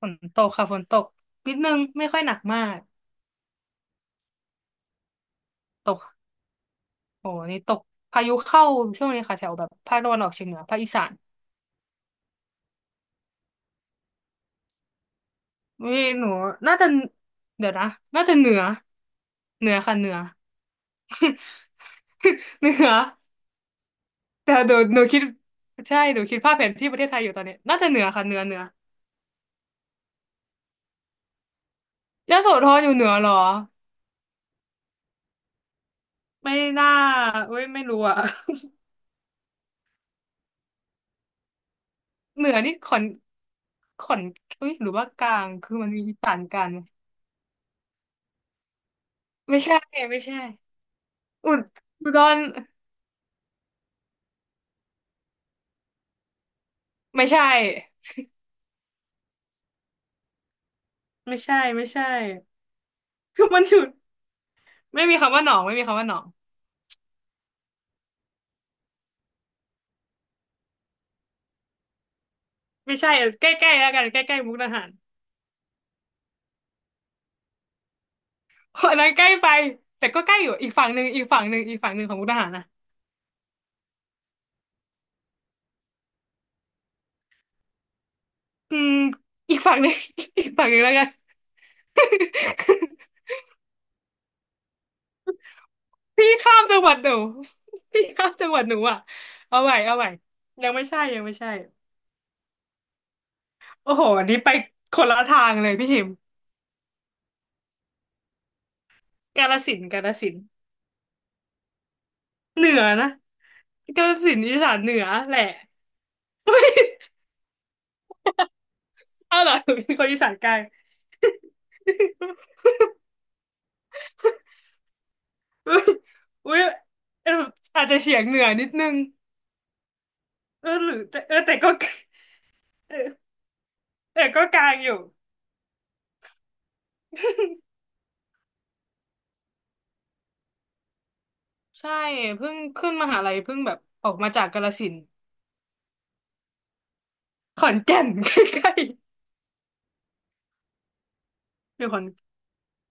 ฝนตกค่ะฝนตกนิดนึงไม่ค่อยหนักมากตกโอ้นี่ตกพายุเข้าช่วงนี้ค่ะแถวแบบภาคตะวันออกเฉียงเหนือภาคอีสานนี่หนูน่าจะเดี๋ยวนะน่าจะเหนือเหนือค่ะเหนือ เหนือแต่หนูคิดใช่หนูคิดภาพแผนที่ประเทศไทยอยู่ตอนนี้น่าจะเหนือค่ะเหนือเหนือยโสธรอยู่เหนือเหรอไม่น่าเว้ยไม่รู้อ่ะ เหนือนี่ขอนขอนเอ้ยหรือว่ากลางคือมันมีอีสานกลางไหมไม่ใช่ไม่ใช่อุดอุดร ไม่ใช่ไม่ใช่ไม่ใช่คือมันถูกไม่มีคำว่าหนองไม่มีคำว่าหนองไม่ใช่เออใกล้ๆแล้วกันใกล้ๆมุกดาหารอันนั้นใกล้ไปแต่ก็ใกล้อยู่อีกฝั่งหนึ่งอีกฝั่งหนึ่งอีกฝั่งหนึ่งของมุกดาหารนะอืมอีกฝั่งหนึ่ง อีกฝั่งหนึ่งแล้วกัน พี่ข้ามจังหวัดหนู พี่ข้ามจังหวัดหนูอ่ะเอาใหม่เอาไหมยังไม่ใช่ยังไม่ใช่โอ้โหอันนี้ไปคนละทางเลยพี่หิมกาฬสินธุ์กาฬสินธุ์เหนือนะกาฬสินธุ์อีสานเหนือแหละเอ้าวเหรอ หนูเป็นคนอีสานกลาง อุ๊ยอุ๊ยเอออาจจะเฉียงเหนือนิดนึงเออหรือแต่เออแต่ก็เออ แต่ก็กลางอยู่ใช่เพิ่งขึ้นมหาลัยเพิ่งแบบออกมาจากกาฬสินธุ์ขอนแก่น ใกล้ๆอยู่ขอน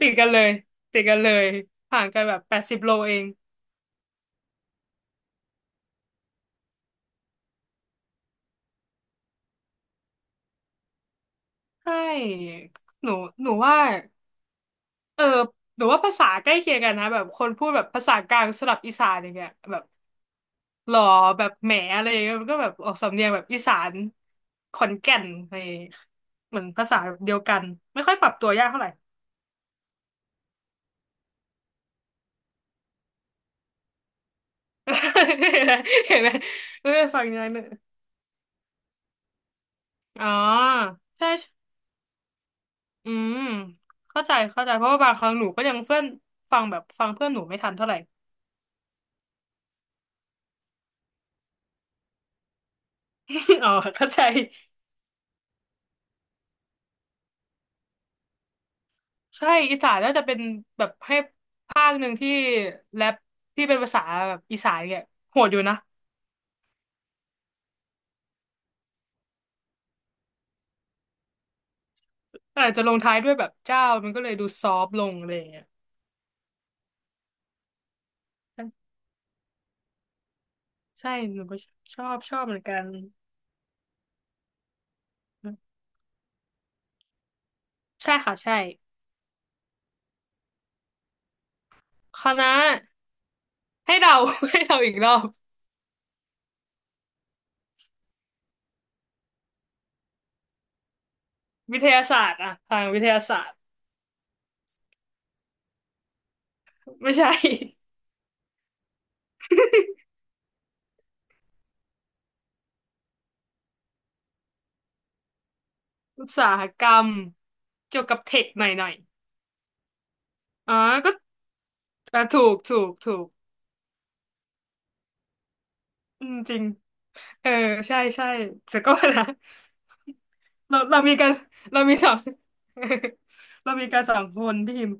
ติดกันเลยติดกันเลยห่างกันแบบ80 โลเองใช่หนูหนูว่าเออหนูว่าภาษาใกล้เคียงกันนะแบบคนพูดแบบภาษากลางสลับอีสานอย่างเงี้ยแบบ หล่อแบบแหมอะไรอย่างเงี้ยมันก็แบบออกสำเนียงแบบอีสานขอนแก่นอะไรอย่างเงี้ยเหมือนภาษาเดียวกันไม่ค่อยปรับตัวยากเท่าไหร่ เห็นไหมเออฟังยังไงเนี่ยอ๋อใช่ใช่อืมเข้าใจเข้าใจเพราะว่าบางครั้งหนูก็ยังเพื่อนฟังแบบฟังเพื่อนหนูไม่ทันเท่าไหร่ อ๋อเข้าใจใช่อีสานน่าจะเป็นแบบให้ภาคหนึ่งที่แรปที่เป็นภาษาแบบอีสานเนี่ยโหดอยู่นะอาจจะลงท้ายด้วยแบบเจ้ามันก็เลยดูซอฟต์ลงอะไรอย่างเงี้ย ใช่หนูก็ ชอบชอบเหมือนกันใช่ค่ะใช่คณะให้เดา ให้เดาอีกรอบวิทยาศาสตร์อะทางวิทยาศาสตร์ไม่ใช่ อุตสาหกรรมเกี่ย วกับเทคหน่อยหน่อยอ๋อก็อ่ะถูกถูกถูกอืมจริงเออใช่ใช่ แต่ก็นะเรามีการเรามีสอง เรามีกัรสองคนพี่พิมพ์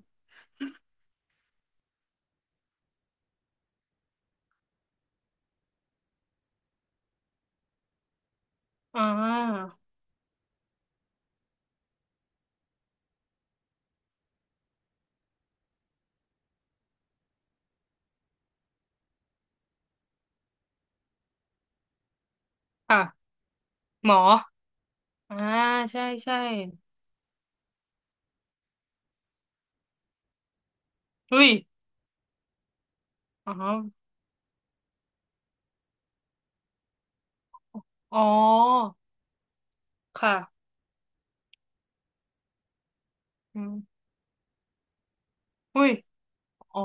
อ่าค่ะหมออ่าใช่ใช่ อุ้ย อ๋ออ๋อค่ะอืมอุ้ยอ๋อ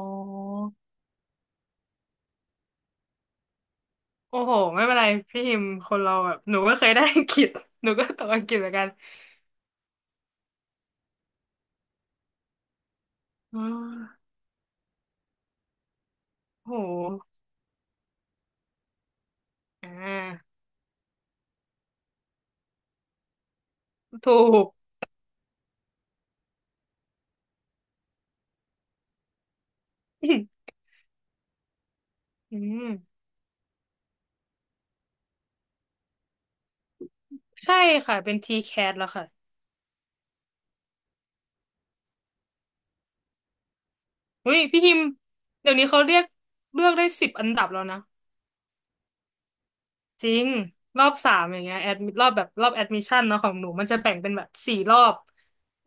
โอ้โหไม่เป็นไรพี่ฮิมคนเราแบบหนูก็เคยได้อังกฤษ หนูก็ตกอังกฤษเหมือนกันอ๋อโอ้โหอ่าถูก อืมใช่ค่ะ เป็น T-CAT แคทแล้วค่ะอุ้ยพี่ฮิม เดี๋ยวนี้เขาเรียกเลือกได้10 อันดับแล้วนะ จริงรอบสามอย่างเงี้ยแอดรอบแบบรอบแอดมิชชั่นเนาะของหนูมันจะแบ่งเป็นแบบสี่รอบ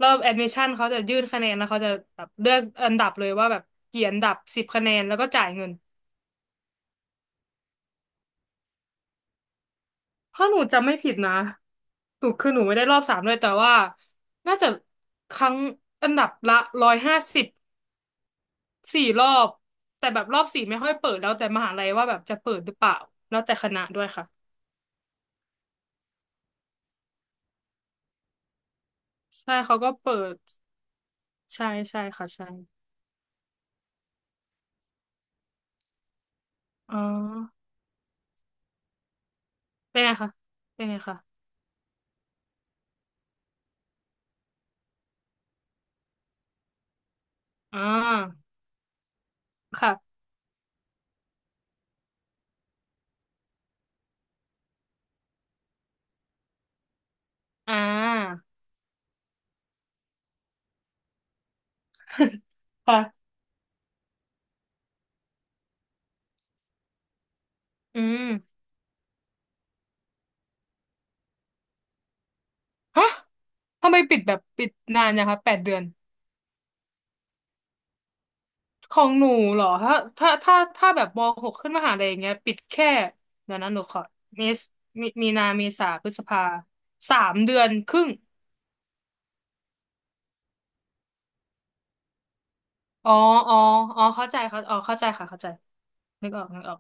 รอบแอดมิชชั่นเขาจะยื่นคะแนนแล้วเขาจะแบบเลือกอันดับเลยว่าแบบกี่อันดับสิบคะแนนแล้วก็จ่ายเงินถ้าหนูจำไม่ผิดนะหนูคือหนูไม่ได้รอบสามด้วยแต่ว่าน่าจะครั้งอันดับละ150สี่รอบแต่แบบรอบ 4ไม่ค่อยเปิดแล้วแต่มหาลัยว่าแบบจะเปิดหรือเปล่าแล้วแต่คณะด้วยค่ะใช่เขาก็เปิดใช่ใช่ค่ะใช่อ๋อ เป็นไงคะ เป็นไงคะอ่าค่ะอ่า ค่ะอืมฮะ ทำไมปิดแบบปิดนานนะคะ8 เดือน ของหนูเหรอถ้าแบบม .6 ขึ้นมหาลัยอย่างเงี้ยปิดแค่เดี๋ยวนะหนูขอมีมีนาเมษาพฤษภา3 เดือนครึ่งอ๋ออ๋ออ๋อเข้าใจเขาอ๋อเข้าใจค่ะเข้าใจนึกออกนึกออก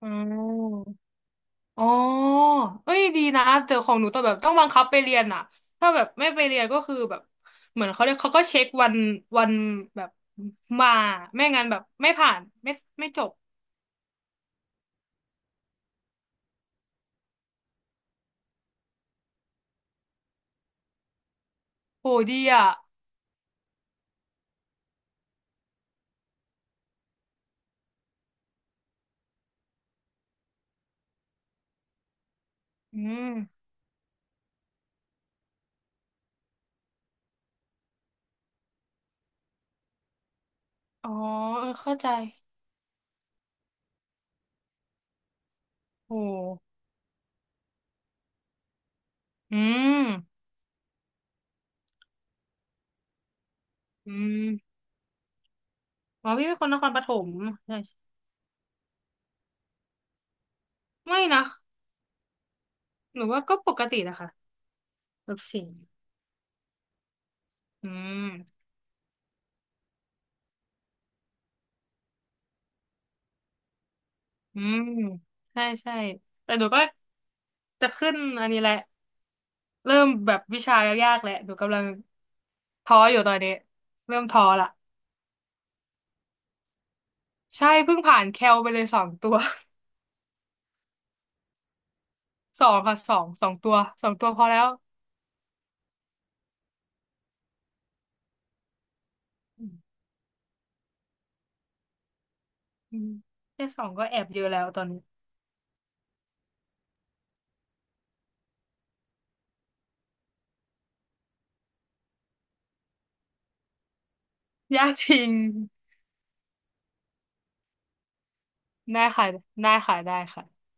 อืม อ๋อเอ้ยดีนะแต่ของหนูต้องแบบต้องบังคับไปเรียนอ่ะถ้าแบบไม่ไปเรียนก็คือแบบเหมือนเขาเรียกเขาก็เช็ควันวันแบบมาไม่งั้นแบบไม่ผ่านไม่ไม่จบโหดีอ่ะอืม อ๋อเออเข้าใจโหอืมอืมอ๋อพี่เป็นคนนครปฐมใช่ไม่นะ หนูว่าก็ปกตินะคะแบบสิงอืม อืมใช่ใช่แต่หนูก็จะขึ้นอันนี้แหละ เริ่มแบบวิชายากๆแหละหนูกำลังท้ออยู่ตอนนี้ เริ่มท้อละใช่เพิ่งผ่านแคลไปเลยสองตัว สองค่ะสองสองตัวสองตัวพอแล้วอืมอืมแค่สองก็แอบเยอะแล้วตอนนี้ ยากจริง ได้ค่ะได้ค่ะได้ค่ะ